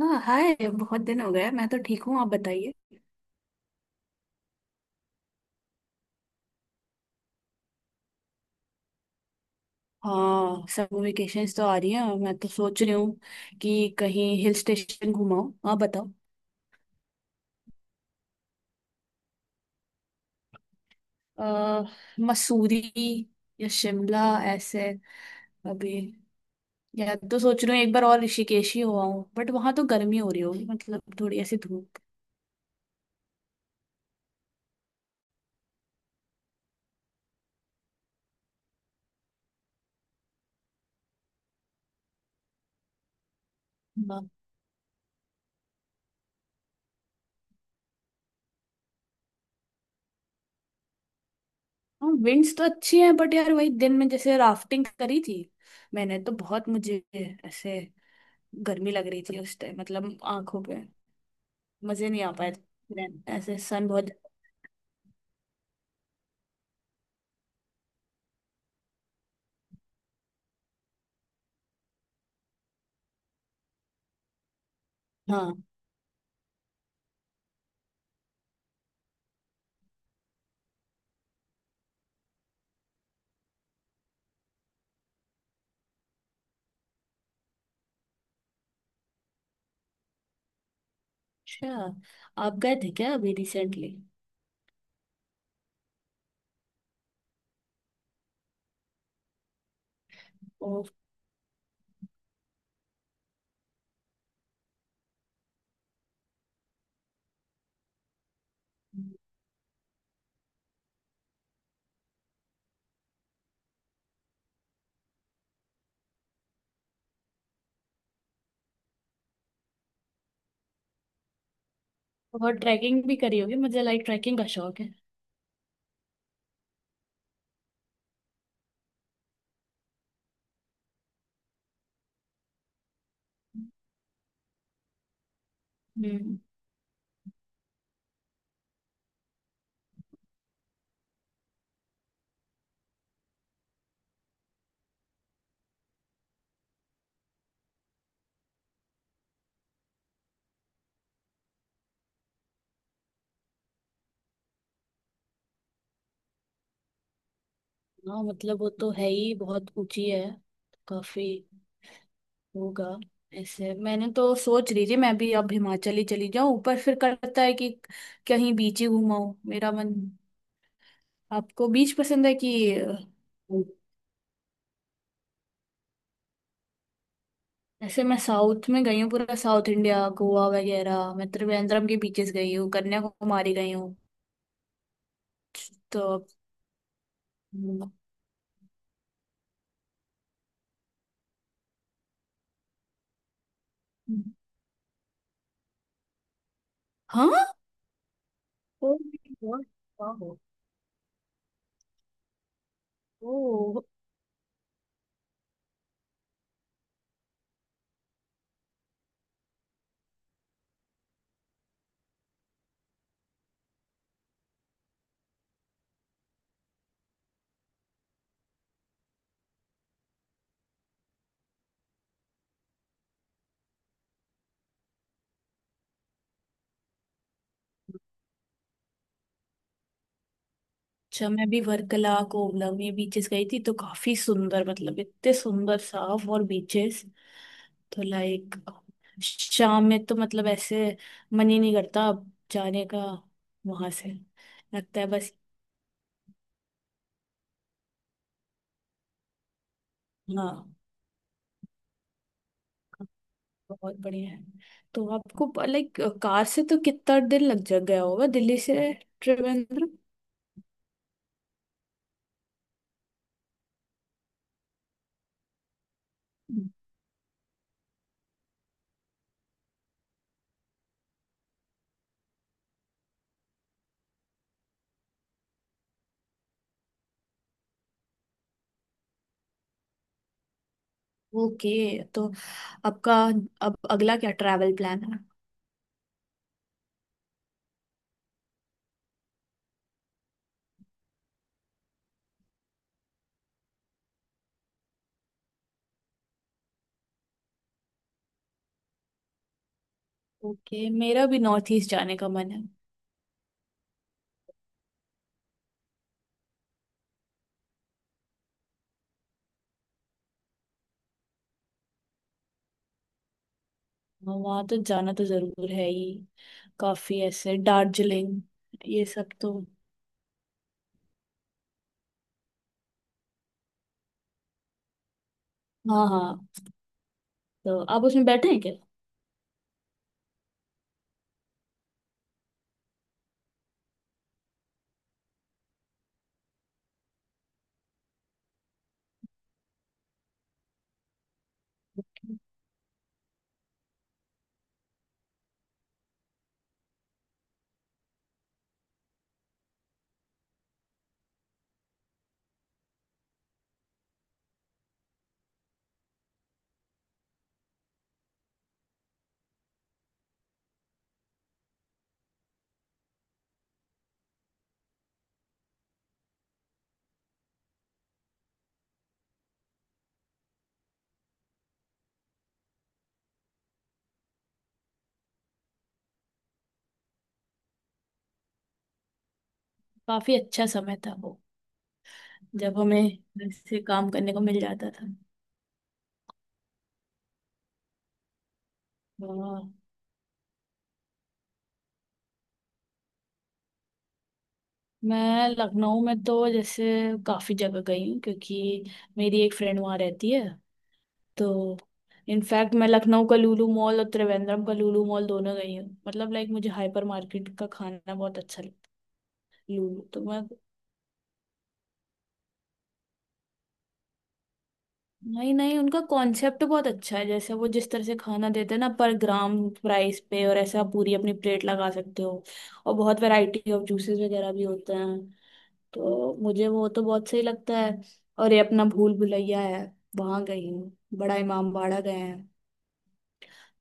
हाँ हाय, बहुत दिन हो गए। मैं तो ठीक हूँ, आप बताइए। हाँ, समर वेकेशंस तो आ रही हैं और मैं तो सोच रही हूँ कि कहीं हिल स्टेशन घुमाऊँ। आप बताओ। अ, मसूरी या शिमला ऐसे। अभी या तो सोच रही हूँ एक बार और, ऋषिकेश ही हुआ हूँ। बट वहां तो गर्मी हो रही होगी, मतलब थोड़ी ऐसी धूप। हाँ। हाँ, विंड्स तो अच्छी हैं बट यार वही दिन में जैसे राफ्टिंग करी थी, मैंने तो बहुत, मुझे ऐसे गर्मी लग रही थी उस टाइम। मतलब आंखों पे मुझे नहीं आ पाया। Then ऐसे सन बहुत। हाँ। अच्छा, आप गए थे क्या अभी रिसेंटली? ओ। बहुत ट्रैकिंग भी करी होगी। मुझे लाइक ट्रैकिंग का शौक है। हम्म। हाँ, मतलब वो तो है ही। बहुत ऊंची है काफी होगा। ऐसे मैंने तो सोच रही थी मैं भी अब हिमाचल ही चली जाऊं, पर फिर करता है कि कहीं बीच ही घुमाऊं मेरा मन। आपको बीच पसंद है कि ऐसे? मैं साउथ में गई हूँ, पूरा साउथ इंडिया, गोवा वगैरह। मैं त्रिवेंद्रम के बीचेस गई हूँ, कन्याकुमारी गई हूँ तो। हाँ। Oh my god. Wow. Oh. अच्छा, मैं भी वर्कला, कोवलम ये बीचेस गई थी तो काफी सुंदर, मतलब इतने सुंदर साफ और बीचेस तो, लाइक शाम में तो मतलब ऐसे मन ही नहीं करता अब जाने का वहां से। लगता है बस। हाँ, बहुत बढ़िया है। तो आपको लाइक कार से तो कितना दिन लग जा गया होगा दिल्ली से त्रिवेंद्र? ओके, तो आपका अब अगला क्या ट्रैवल प्लान है? ओके, मेरा भी नॉर्थ ईस्ट जाने का मन है। वहां तो जाना तो जरूर है ही। काफी ऐसे दार्जिलिंग ये सब तो। हाँ हाँ, तो आप उसमें बैठे हैं क्या? Okay. काफी अच्छा समय था वो जब हमें ऐसे काम करने को मिल जाता था। वाह, मैं लखनऊ में तो जैसे काफ़ी जगह गई हूँ क्योंकि मेरी एक फ्रेंड वहाँ रहती है तो। इनफैक्ट मैं लखनऊ का लुलु मॉल और त्रिवेंद्रम का लुलु मॉल दोनों गई हूँ। मतलब लाइक मुझे हाइपर मार्केट का खाना बहुत अच्छा लगता है। लुलु तो मैं, नहीं नहीं, उनका कॉन्सेप्ट बहुत अच्छा है। जैसे वो जिस तरह से खाना देते हैं ना, पर ग्राम प्राइस पे, और ऐसे आप पूरी अपनी प्लेट लगा सकते हो। और बहुत वैरायटी ऑफ जूसेस वगैरह भी होते हैं, तो मुझे वो तो बहुत सही लगता है। और ये अपना भूल भुलैया है, वहां गई हूँ। बड़ा इमामबाड़ा गए हैं।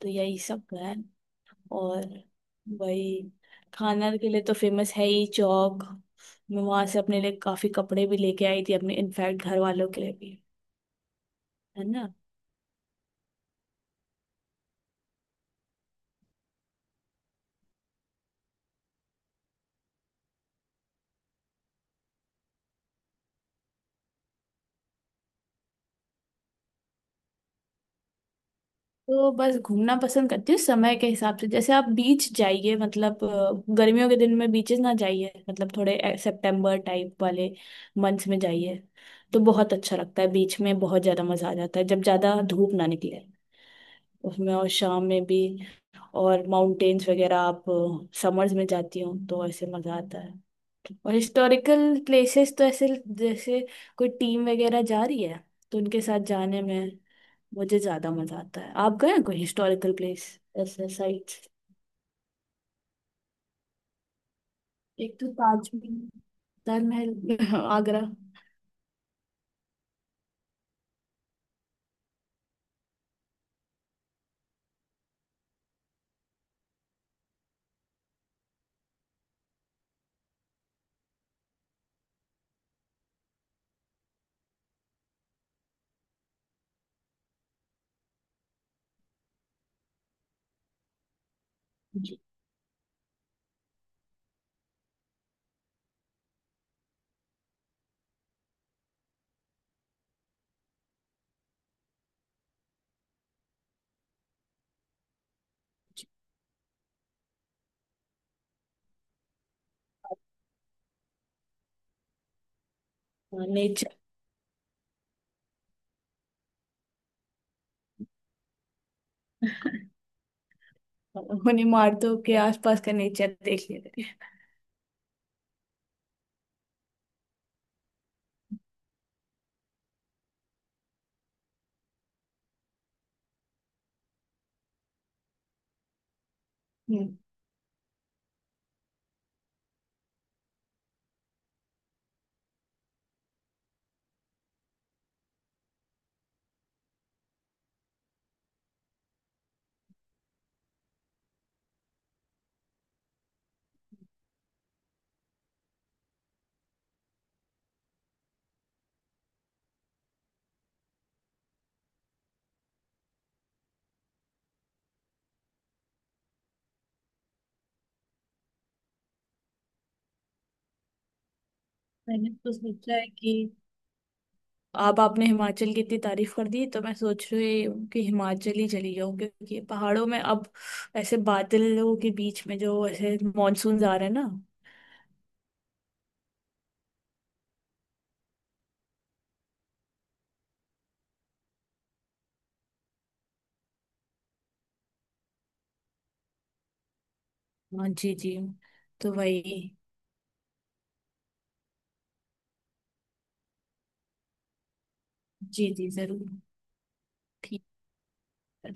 तो यही सब है। और वही खाना के लिए तो फेमस है ही, चौक। मैं वहां से अपने लिए काफी कपड़े भी लेके आई थी अपने, इनफैक्ट घर वालों के लिए भी है। तो बस घूमना पसंद करती हूँ समय के हिसाब से। जैसे आप बीच जाइए, मतलब गर्मियों के दिन में बीचेस ना जाइए, मतलब थोड़े सितंबर टाइप वाले मंथ्स में जाइए तो बहुत अच्छा लगता है। बीच में बहुत ज्यादा मजा आ जाता है जब ज्यादा धूप ना निकले उसमें, और शाम में भी। और माउंटेन्स वगैरह आप समर्स में जाती हो तो ऐसे मजा आता है। और हिस्टोरिकल प्लेसेस तो ऐसे, जैसे कोई टीम वगैरह जा रही है तो उनके साथ जाने में मुझे ज्यादा मजा आता है। आप गए हैं कोई हिस्टोरिकल प्लेस, ऐसे साइट्स? एक तो ताजमहल, ताजमहल आगरा। जी जी। नेचर। उन्हें मारतो के आसपास का नेचर देख लेते हैं। हम्म। मैंने तो सोचा है कि अब आपने हिमाचल की इतनी तारीफ कर दी तो मैं सोच रही हूँ कि हिमाचल ही चली जाऊँ, क्योंकि ये पहाड़ों में अब ऐसे बादलों के बीच में जो ऐसे मानसून आ रहे हैं ना। हाँ जी जी। तो वही। जी जी जरूर। ठीक है।